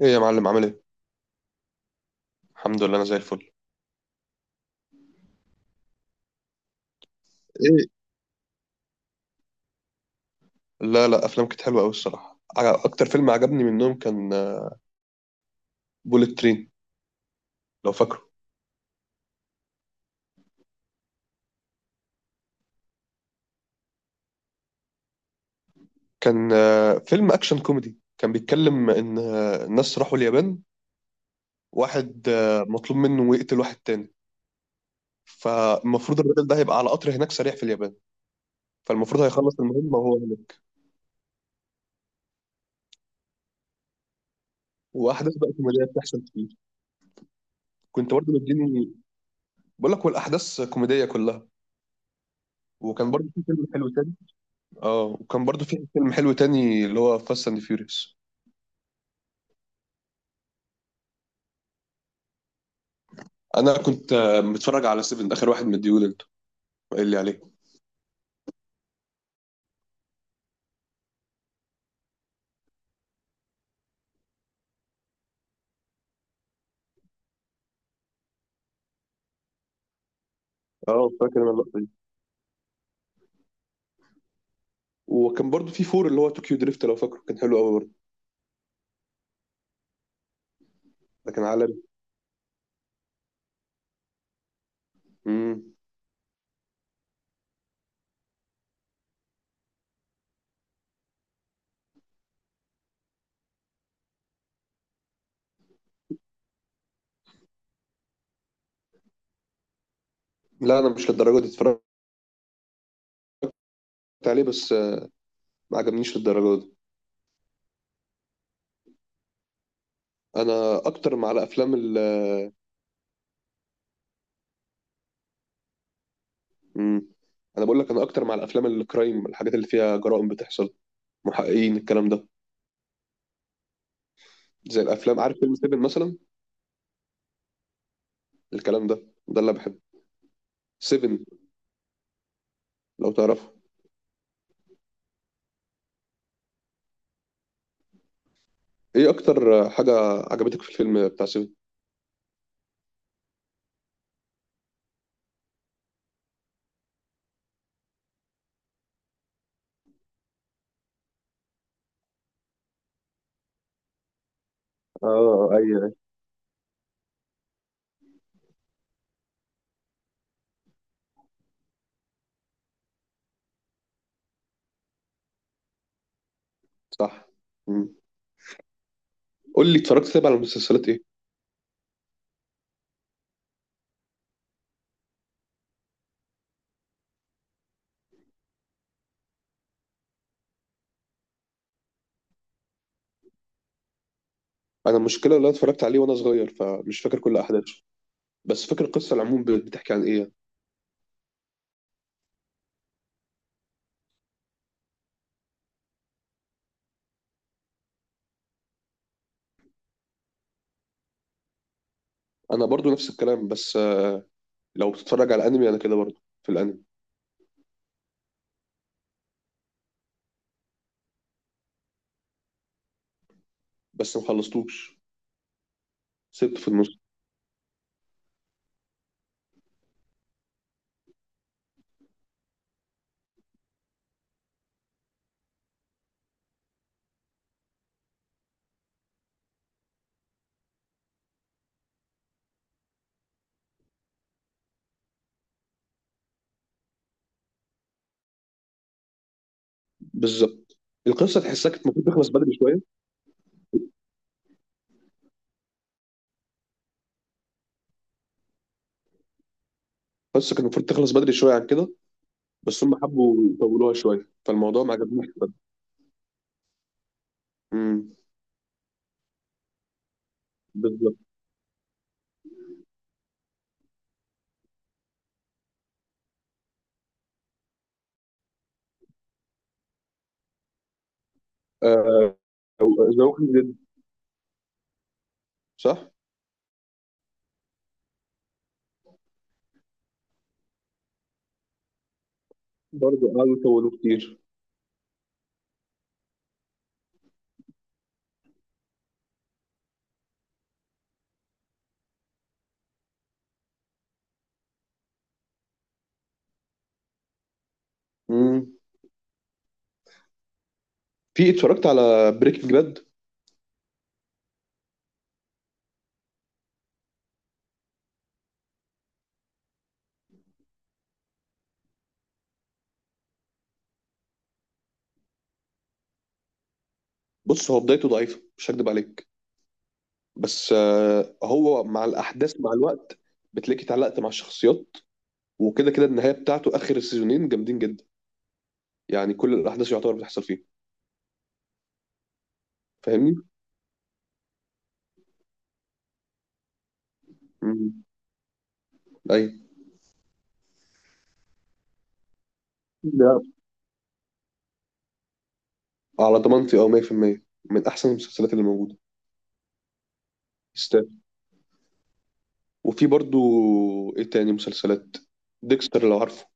ايه يا معلم، عامل ايه؟ الحمد لله، انا زي الفل. ايه. لا، لا، افلام كانت حلوه قوي الصراحه، اكتر فيلم عجبني منهم كان بوليت ترين. لو فاكره. كان فيلم اكشن كوميدي، كان بيتكلم ان الناس راحوا اليابان. واحد مطلوب منه يقتل واحد تاني. فالمفروض الراجل ده هيبقى على قطر هناك سريع في اليابان. فالمفروض هيخلص المهمه وهو هناك. واحداث بقى كوميديه بتحصل كتير. كنت برضه مديني. بقول لك والاحداث كوميديه كلها. وكان برضه في فيلم حلو تاني. اه، وكان برضه في فيلم حلو تاني اللي هو فاست اند فيوريوس. انا كنت متفرج على 7، اخر واحد مديهولي انت قايل لي عليه. اه، فاكر انا اللقطه دي. وكان برضو في فور اللي هو طوكيو دريفت، لو فاكره كان حلو قوي برضو. ده كان عالمي. امم. لا، انا مش للدرجه دي اتفرجت عليه، بس ما عجبنيش للدرجه دي. انا اكتر مع الافلام ال امم. انا بقول لك، انا اكتر مع الافلام الكرايم، الحاجات اللي فيها جرائم بتحصل، محققين، الكلام ده. زي الافلام، عارف فيلم 7 مثلا؟ الكلام ده، ده اللي بحبه. 7، لو تعرفه. ايه اكتر حاجه عجبتك في الفيلم بتاع 7؟ صح. مم. قول لي، اتفرجت طيب على مسلسلات ايه؟ انا المشكله، اللي انا اتفرجت عليه وانا صغير، فمش فاكر كل احداثه، بس فاكر القصه العموم بتحكي عن ايه. انا برضو نفس الكلام، بس لو بتتفرج على انمي، انا كده برضو في الانمي. بس ما خلصتوش، سبت في النص. بالظبط، القصه تحسها كانت المفروض تخلص بدري شويه. القصه كانت المفروض تخلص بدري شويه عن كده، بس هم حبوا يطولوها شويه فالموضوع ما عجبنيش بجد. امم. بالظبط. آه، ذا ووكينج ديد. صح. برضه قعدوا يطولوه كتير. امم. في، اتفرجت على بريكنج باد؟ بص، هو بدايته ضعيفه، مش هكدب عليك، بس هو مع الاحداث مع الوقت بتلاقيك اتعلقت مع الشخصيات، وكده كده النهايه بتاعته اخر السيزونين جامدين جدا، يعني كل الاحداث يعتبر بتحصل فيه. فاهمني؟ امم. ايوه. ده على ضمانتي اه، 100% من احسن المسلسلات اللي موجوده، يستاهل. وفي برضو ايه تاني مسلسلات. ديكستر، لو عارفه.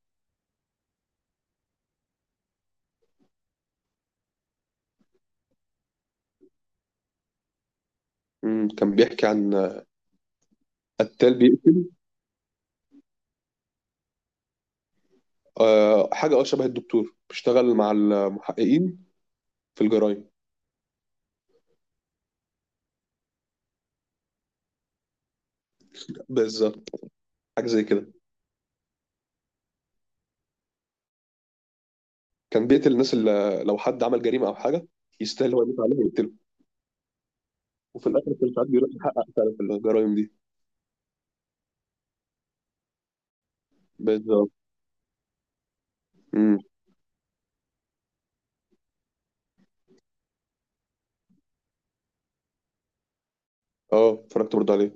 امم، كان بيحكي عن قتال بيقتل. آه، حاجه، اه، شبه الدكتور بيشتغل مع المحققين في الجرائم. بالظبط، حاجه زي كده. كان بيقتل الناس اللي لو حد عمل جريمه او حاجه يستاهل هو يموت عليه ويقتله. وفي الاخر كان ساعات بيروح يحقق فعلا في الجرايم دي. بالظبط. امم. اه، اتفرجت برضه عليه.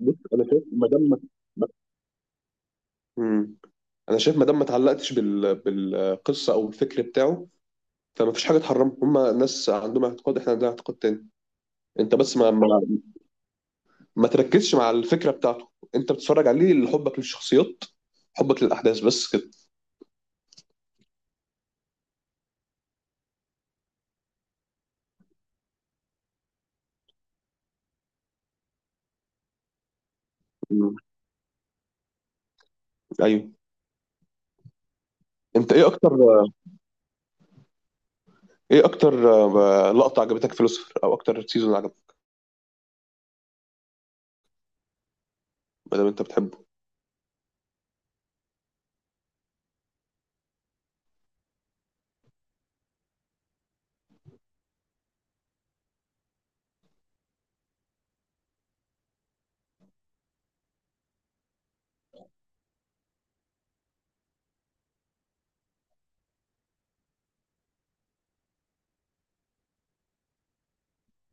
بص انا شايف ما دام ما- ما- امم. انا شايف ما دام ما اتعلقتش بالقصه او الفكر بتاعه، فما فيش حاجه تحرمهم، هما ناس عندهم اعتقاد، احنا عندنا اعتقاد تاني. انت بس ما تركزش مع الفكره بتاعته، انت بتتفرج عليه لحبك للشخصيات، حبك للاحداث، بس كده. مم. ايوه. انت ايه اكتر ايه اكتر لقطة عجبتك في لوسيفر، او اكتر سيزون عجبك؟ ما دام انت بتحبه.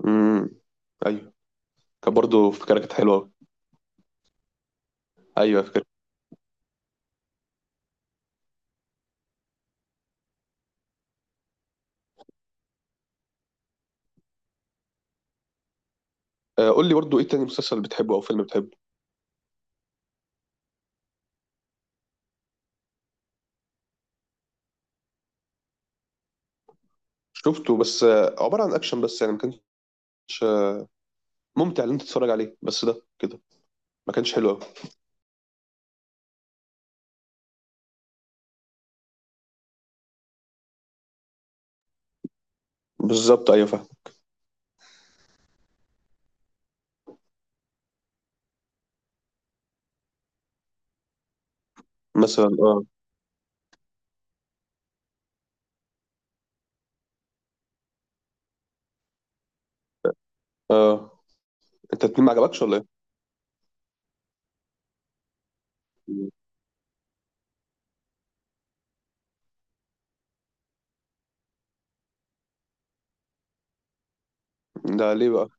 امم. ايوه. كان برضه فكرة كانت حلوة أوي. ايوه، فكرة. قول لي برضه، ايه تاني مسلسل بتحبه او فيلم بتحبه؟ شفته، بس عبارة عن اكشن بس، يعني ما كانش آه، ممتع ان انت تتفرج عليه، بس ده كده ما كانش حلو قوي. بالظبط، ايوه فاهم. مثلا، اه. اه، انت اتنين ما عجبكش ولا ايه؟ ده ليه بقى؟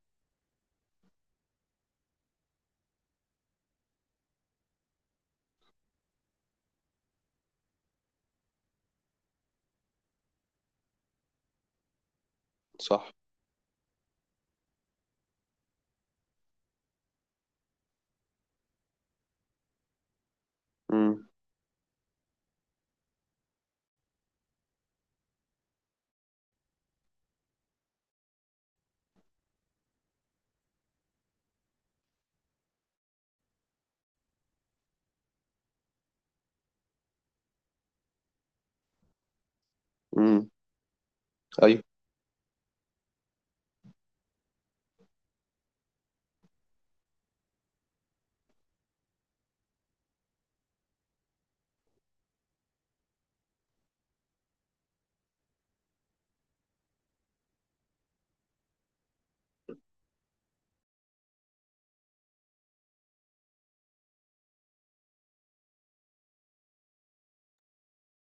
صح. امم. امم. ايوه.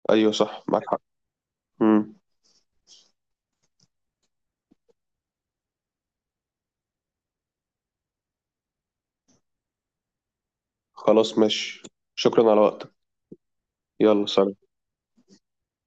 ايوه، صح، معاك حق. امم. خلاص، ماشي. شكرا على وقتك. يلا، سلام.